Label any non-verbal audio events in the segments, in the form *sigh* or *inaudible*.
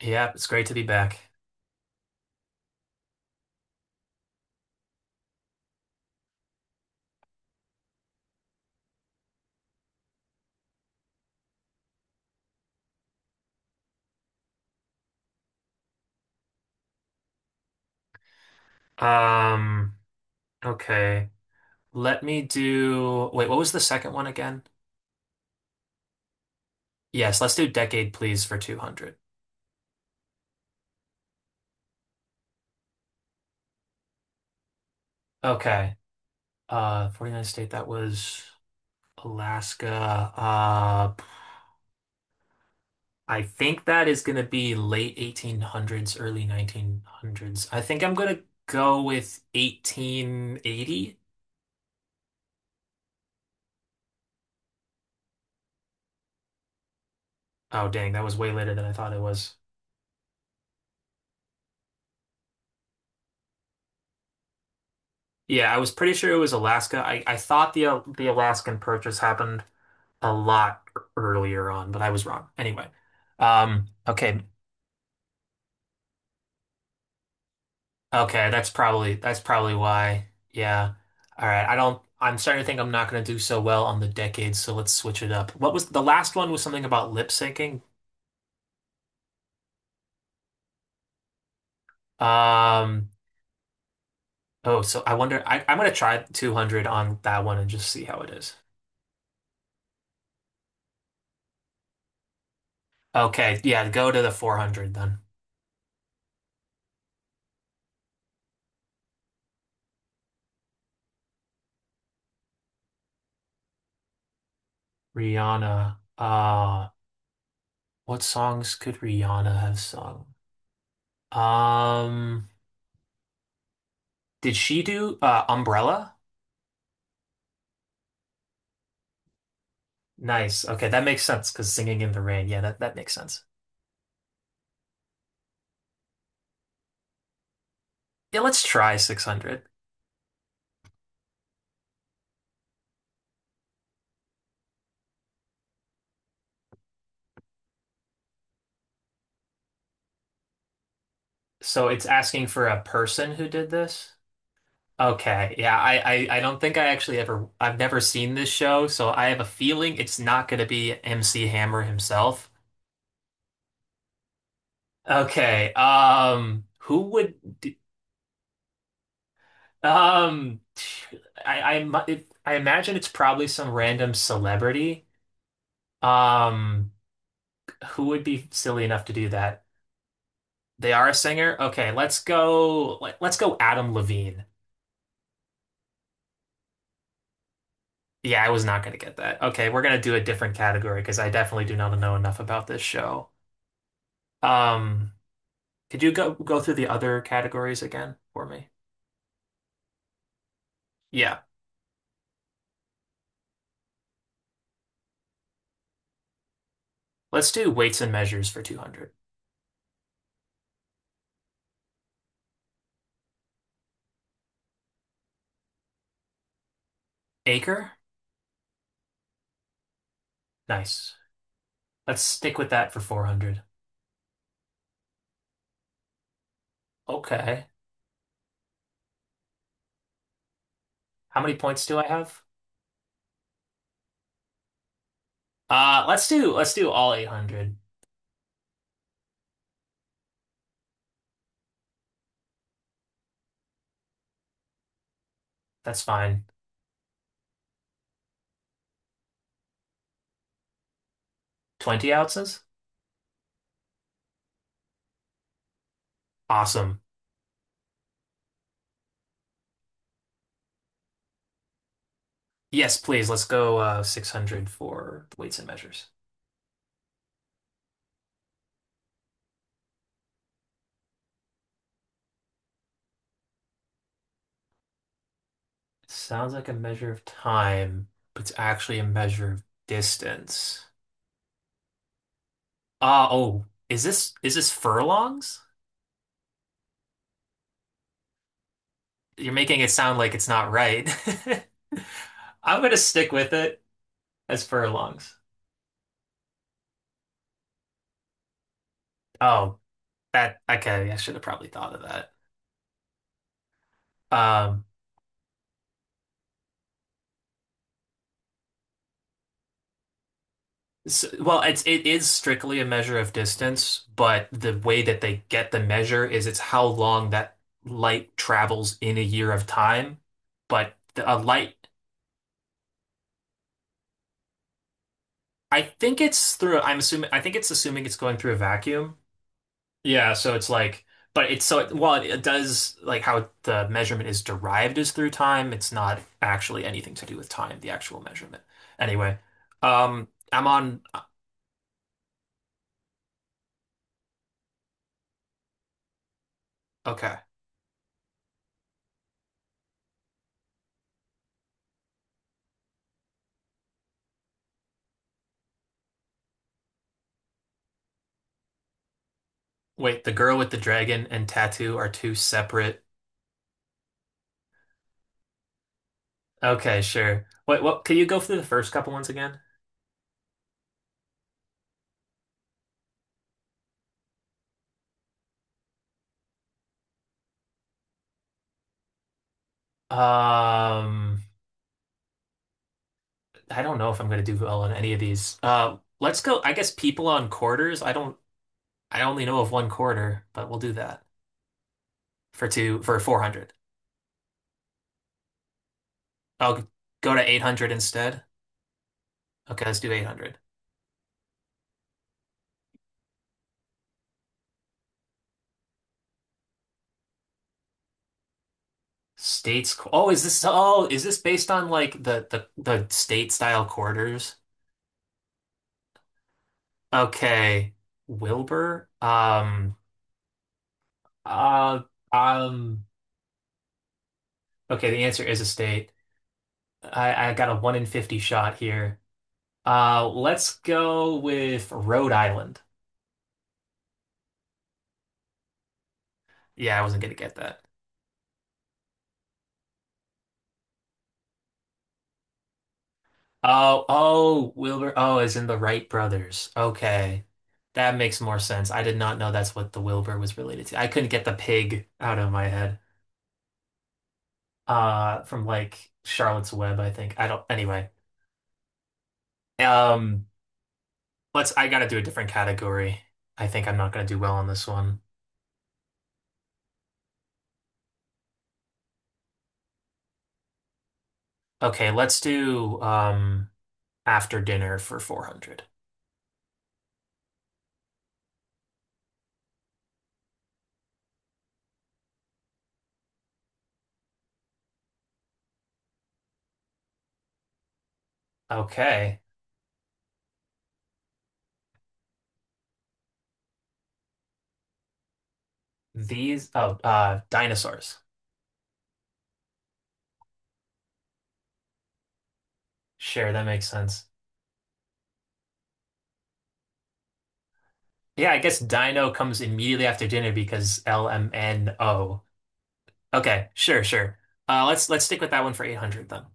Yeah, it's great to be back. Um, okay. Let me do, wait, what was the second one again? Yes, let's do decade, please, for 200. Okay. 49 state, that was Alaska. I think that is going to be late 1800s, early 1900s. I think I'm going to go with 1880. Oh, dang, that was way later than I thought it was. Yeah, I was pretty sure it was Alaska. I thought the the Alaskan Purchase happened a lot earlier on, but I was wrong. Anyway, okay, okay, that's probably why. Yeah. All right. I don't. I'm starting to think I'm not going to do so well on the decades, so let's switch it up. What was the last one was something about lip syncing. Um, oh, so I wonder. I'm going to try 200 on that one and just see how it is. Okay, yeah, go to the 400 then. Rihanna. What songs could Rihanna have sung? Um, did she do Umbrella? Nice. Okay, that makes sense because singing in the rain. Yeah, that makes sense. Yeah, let's try 600. So it's asking for a person who did this? Okay. Yeah, I don't think I actually ever, I've never seen this show, so I have a feeling it's not going to be MC Hammer himself. Okay. Who would, d- um, I imagine it's probably some random celebrity. Um, who would be silly enough to do that? They are a singer? Okay, let's go Adam Levine. Yeah, I was not gonna get that. Okay, we're gonna do a different category because I definitely do not know enough about this show. Um, could you go through the other categories again for me? Yeah. Let's do weights and measures for 200. Acre? Nice. Let's stick with that for 400. Okay. How many points do I have? Let's do all 800. That's fine. 20 ounces? Awesome. Yes, please. Let's go 600 for the weights and measures. It sounds like a measure of time, but it's actually a measure of distance. Ah, oh, is this furlongs? You're making it sound like it's not right. *laughs* I'm gonna stick with it as furlongs. Oh, that okay. I should have probably thought of that. Um. S Well, it is strictly a measure of distance, but the way that they get the measure is it's how long that light travels in a year of time. But the, a light, I think it's through. I'm assuming. I think it's assuming it's going through a vacuum. Yeah, so it's like, but it's so while it does like how the measurement is derived is through time. It's not actually anything to do with time, the actual measurement. Anyway, I'm on. Okay, wait. The girl with the dragon and tattoo are two separate. Okay, sure. Wait, what can you go through the first couple ones again? Um, I don't know if I'm gonna do well on any of these. Let's go. I guess people on quarters. I don't. I only know of one quarter, but we'll do that for two for 400. I'll go to 800 instead. Okay, let's do 800. Oh, is this? Oh, is this based on like the state style quarters? Okay, Wilbur. Uh. Um. Okay, the answer is a state. I got a one in 50 shot here. Let's go with Rhode Island. Yeah, I wasn't gonna get that. Oh, oh, Wilbur. Oh, as in the Wright brothers. Okay. That makes more sense. I did not know that's what the Wilbur was related to. I couldn't get the pig out of my head. From like Charlotte's Web, I think. I don't, anyway. Um, I gotta do a different category. I think I'm not gonna do well on this one. Okay, let's do, after dinner for 400. Okay. These dinosaurs. Sure, that makes sense. Yeah, I guess dino comes immediately after dinner because LMNO. Okay, sure, sure. Let's stick with that one for 800 then.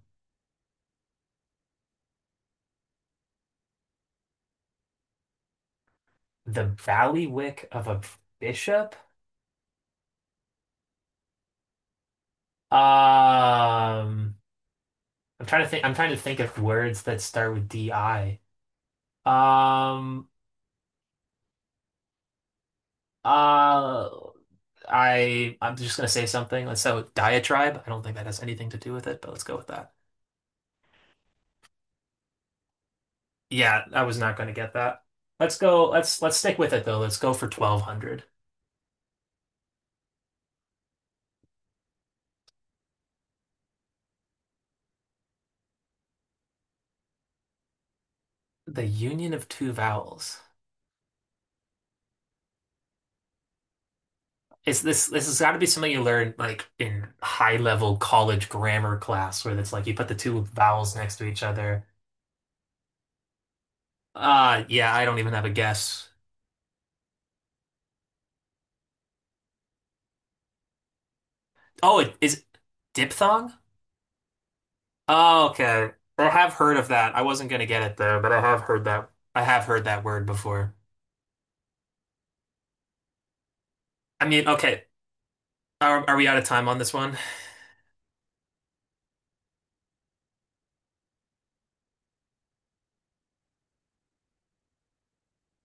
The valley wick of a bishop? Um I'm trying to think of words that start with DI. Um uh I'm just gonna say something. Let's go with diatribe. I don't think that has anything to do with it, but let's go with that. Yeah, I was not going to get that. Let's go. Let's stick with it though. Let's go for 1200. The union of two vowels. Is this This has got to be something you learn like in high level college grammar class where it's like you put the two vowels next to each other. Yeah, I don't even have a guess. Oh, it is diphthong? Oh, okay. I have heard of that. I wasn't going to get it though, but I have heard that. I have heard that word before. I mean, okay. Are we out of time on this one?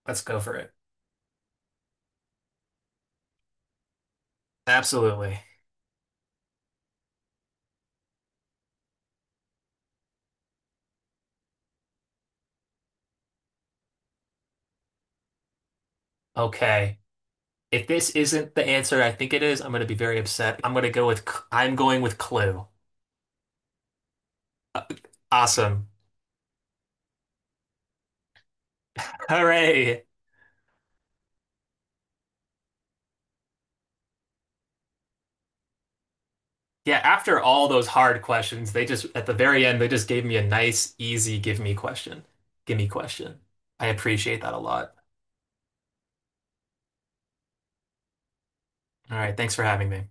Let's go for it. Absolutely. Okay. If this isn't the answer I think it is, I'm going to be very upset. I'm going to go with, I'm going with Clue. Uh, Awesome. Hooray. Yeah, after all those hard questions, they just, at the very end, they just gave me a nice, easy give me question. Give me question. I appreciate that a lot. All right, thanks for having me.